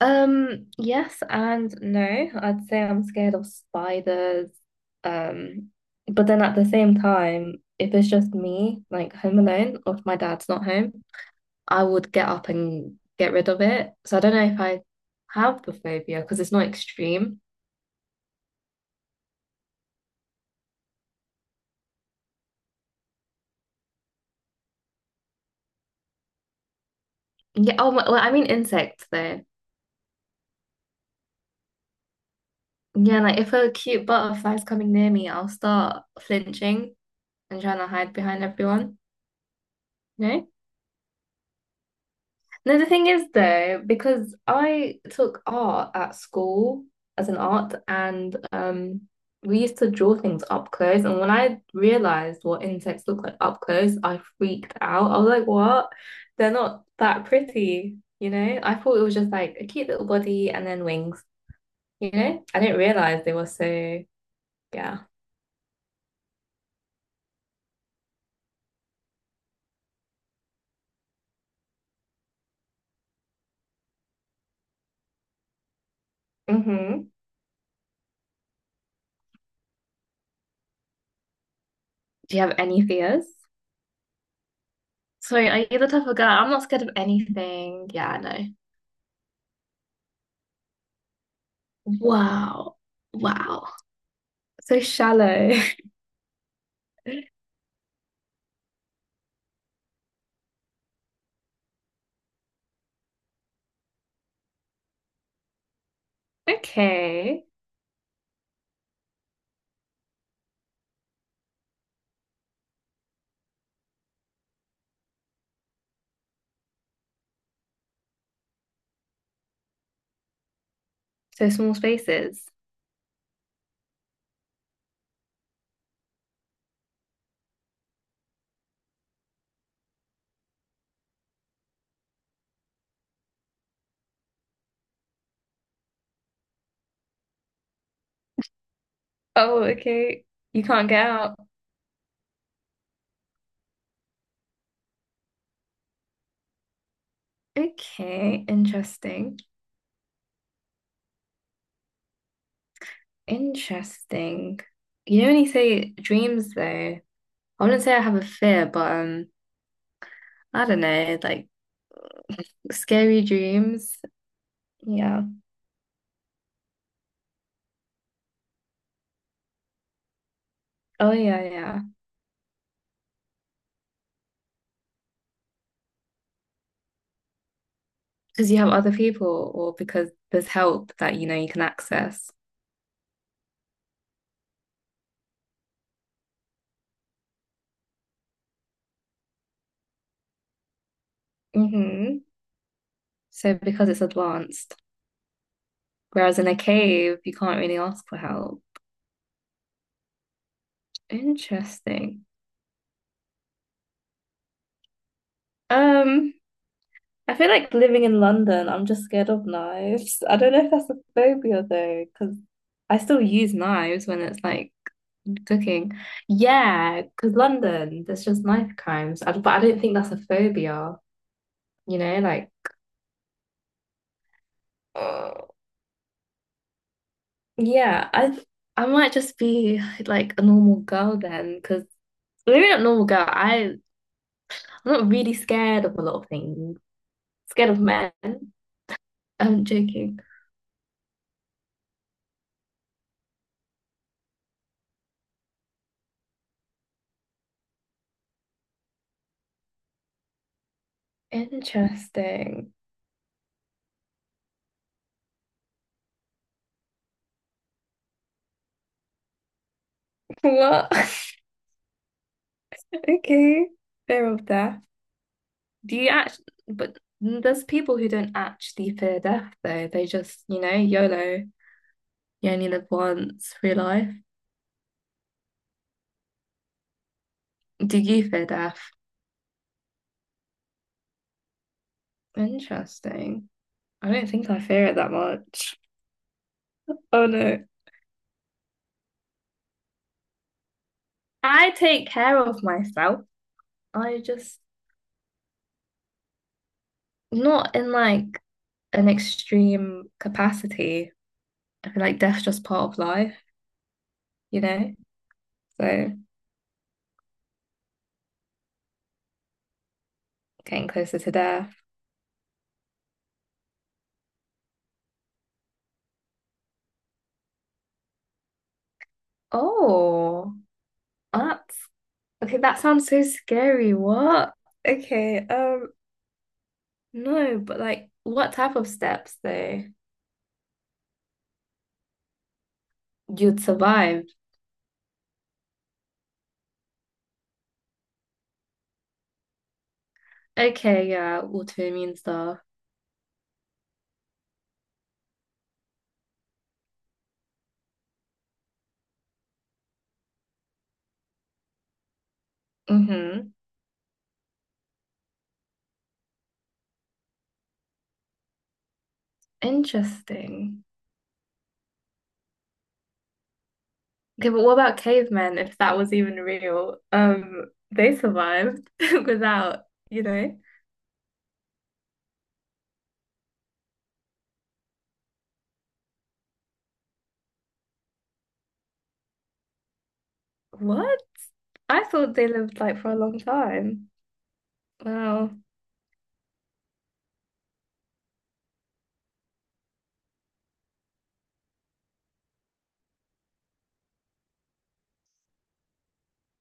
Yes and no. I'd say I'm scared of spiders. Um, but then at the same time, if it's just me, like home alone, or if my dad's not home, I would get up and get rid of it. So I don't know if I have the phobia because it's not extreme. Yeah, oh, well, I mean insects though. Yeah, like if a cute butterfly's coming near me, I'll start flinching and trying to hide behind everyone. No? No, the thing is though, because I took art at school as an art and we used to draw things up close and when I realized what insects look like up close, I freaked out. I was like, what? They're not that pretty, you know? I thought it was just like a cute little body and then wings, you know? I didn't realize they were so yeah. Mm-hmm. Do you have any fears? Sorry, are you the type of girl? I'm not scared of anything. Yeah, I know. Wow. Wow. So shallow. Okay. So small spaces. Oh, okay. You can't get out. Okay. Interesting. Interesting. You know when you say dreams though, I wouldn't say I have a fear, but I don't know, like scary dreams. Yeah. Oh yeah, yeah. Because you have other people or because there's help that you know you can access. Mm-hmm. So because it's advanced. Whereas in a cave, you can't really ask for help. Interesting. Um, I feel like living in London, I'm just scared of knives. I don't know if that's a phobia though, because I still use knives when it's like cooking. Yeah, because London, there's just knife crimes. But I don't think that's a phobia, you know, like uh, yeah, I might just be like a normal girl then, because maybe not normal girl. I I'm not really scared of a lot of things. Scared of men. I'm joking. Interesting. What? Okay. Fear of death. Do you actually, but there's people who don't actually fear death though. They just, you know, YOLO. You only live once, free life. Do you fear death? Interesting. I don't think I fear it that much. Oh no. I take care of myself. I just, not in like an extreme capacity. I feel like death's just part of life, you know? So getting closer to death. Oh. That's Okay, that sounds so scary. What? Okay, no, but like, what type of steps though? You'd survive. Okay, yeah, autoimmune stuff. Mm-hmm. Interesting. Okay, but what about cavemen, if that was even real? They survived without, you know, what? I thought they lived like for a long time. Wow.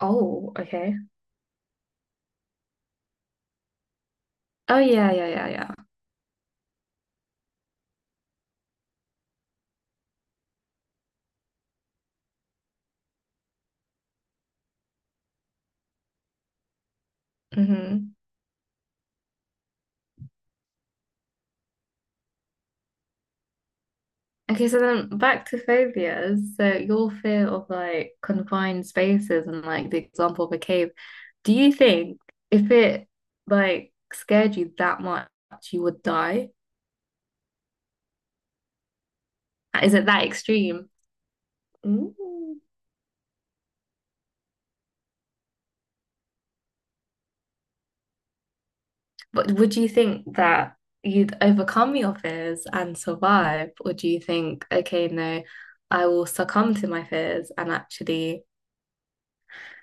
Oh, okay. Oh yeah, yeah, yeah, yeah. Mm-hmm. Okay, so then back to phobias. So your fear of like confined spaces and like the example of a cave, do you think if it like scared you that much, you would die? Is it that extreme? Ooh. But would you think that you'd overcome your fears and survive? Or do you think, okay, no, I will succumb to my fears and actually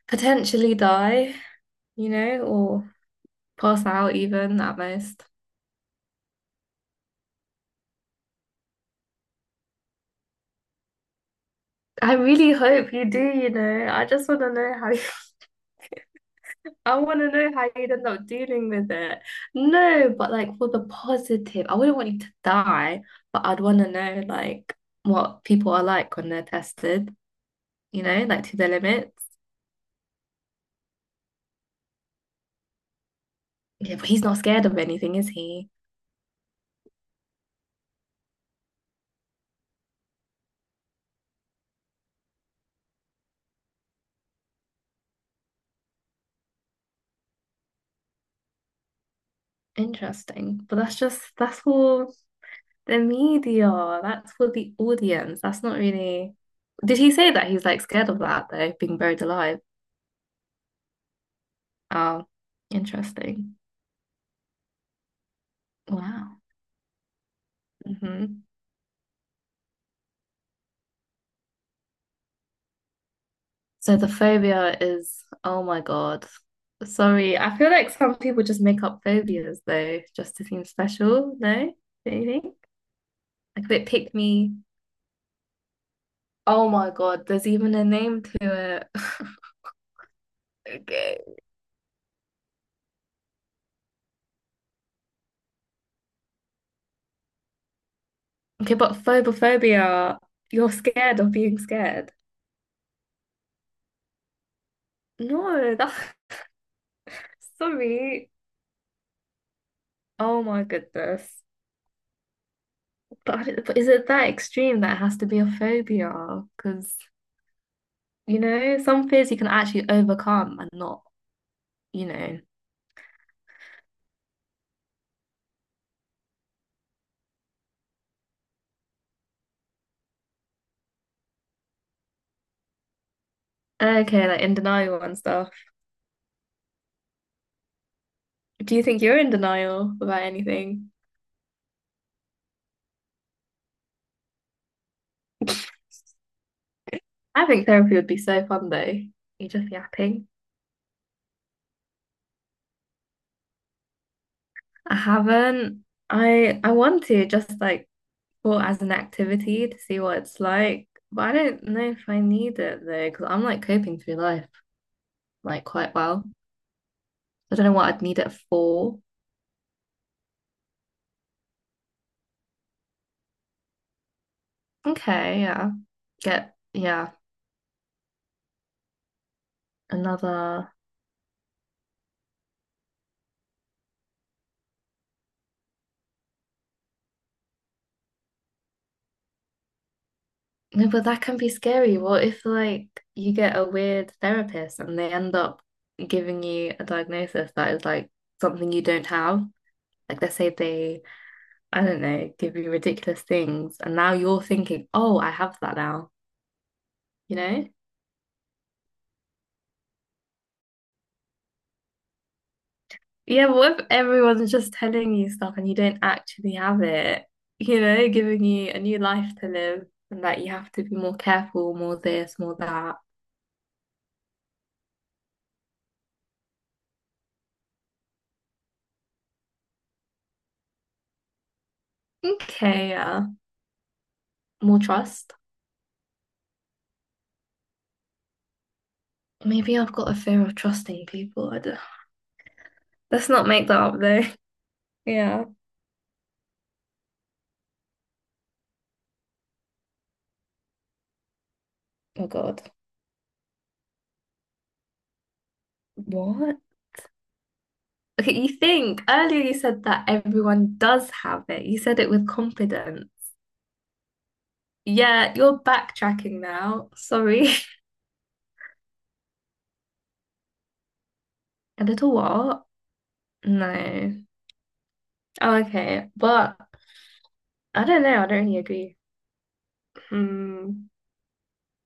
potentially die, you know, or pass out even at most? I really hope you do, you know. I just want to know how you, I want to know how you'd end up dealing with it. No, but like for the positive, I wouldn't want you to die, but I'd want to know like what people are like when they're tested, you know, like to their limits. Yeah, but he's not scared of anything, is he? Interesting. But that's just that's for the media. That's for the audience. That's not really. Did he say that he's like scared of that though, being buried alive? Oh, interesting. Wow. Hmm. So the phobia is, oh my God. Sorry, I feel like some people just make up phobias though, just to seem special, no? Don't you think? Like if it picked me, oh my God, there's even a name to it. Okay. Okay, but phobophobia, you're scared of being scared. No, that's sorry. Oh my goodness. But I don't- but is it that extreme that it has to be a phobia? Because, you know, some fears you can actually overcome and not you know Okay, like in denial and stuff. Do you think you're in denial about anything? I think therapy would be so fun though. You're just yapping. I haven't. I want to just like for as an activity to see what it's like, but I don't know if I need it though, because I'm like coping through life like quite well. I don't know what I'd need it for. Okay, yeah. Get yeah, another. No, but that can be scary. What if like you get a weird therapist and they end up giving you a diagnosis that is like something you don't have? Like let's say they, I don't know, give you ridiculous things and now you're thinking, oh, I have that now, you know? Yeah, but what if everyone's just telling you stuff and you don't actually have it? You know, giving you a new life to live and that you have to be more careful, more this, more that. Okay, yeah. More trust. Maybe I've got a fear of trusting people. I don't, let's not make that up though. Yeah. Oh God. What? Okay, you think earlier you said that everyone does have it. You said it with confidence. Yeah, you're backtracking now. Sorry. A little what? No. Oh, okay. But I don't know. I don't really agree. Hmm.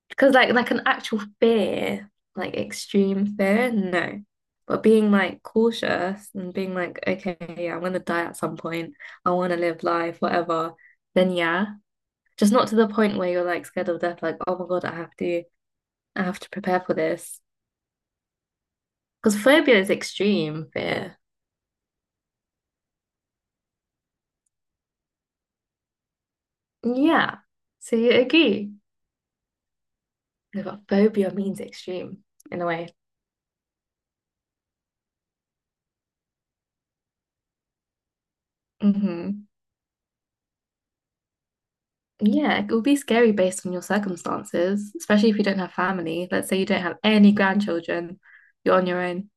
Because like an actual fear, like extreme fear, no. But being like cautious and being like, okay, yeah, I'm gonna die at some point. I wanna live life, whatever. Then yeah. Just not to the point where you're like scared of death, like, oh my God, I have to prepare for this. Because phobia is extreme fear. Yeah. So you agree. No, but phobia means extreme in a way. Hmm. Yeah, it will be scary based on your circumstances, especially if you don't have family. Let's say you don't have any grandchildren, you're on your own.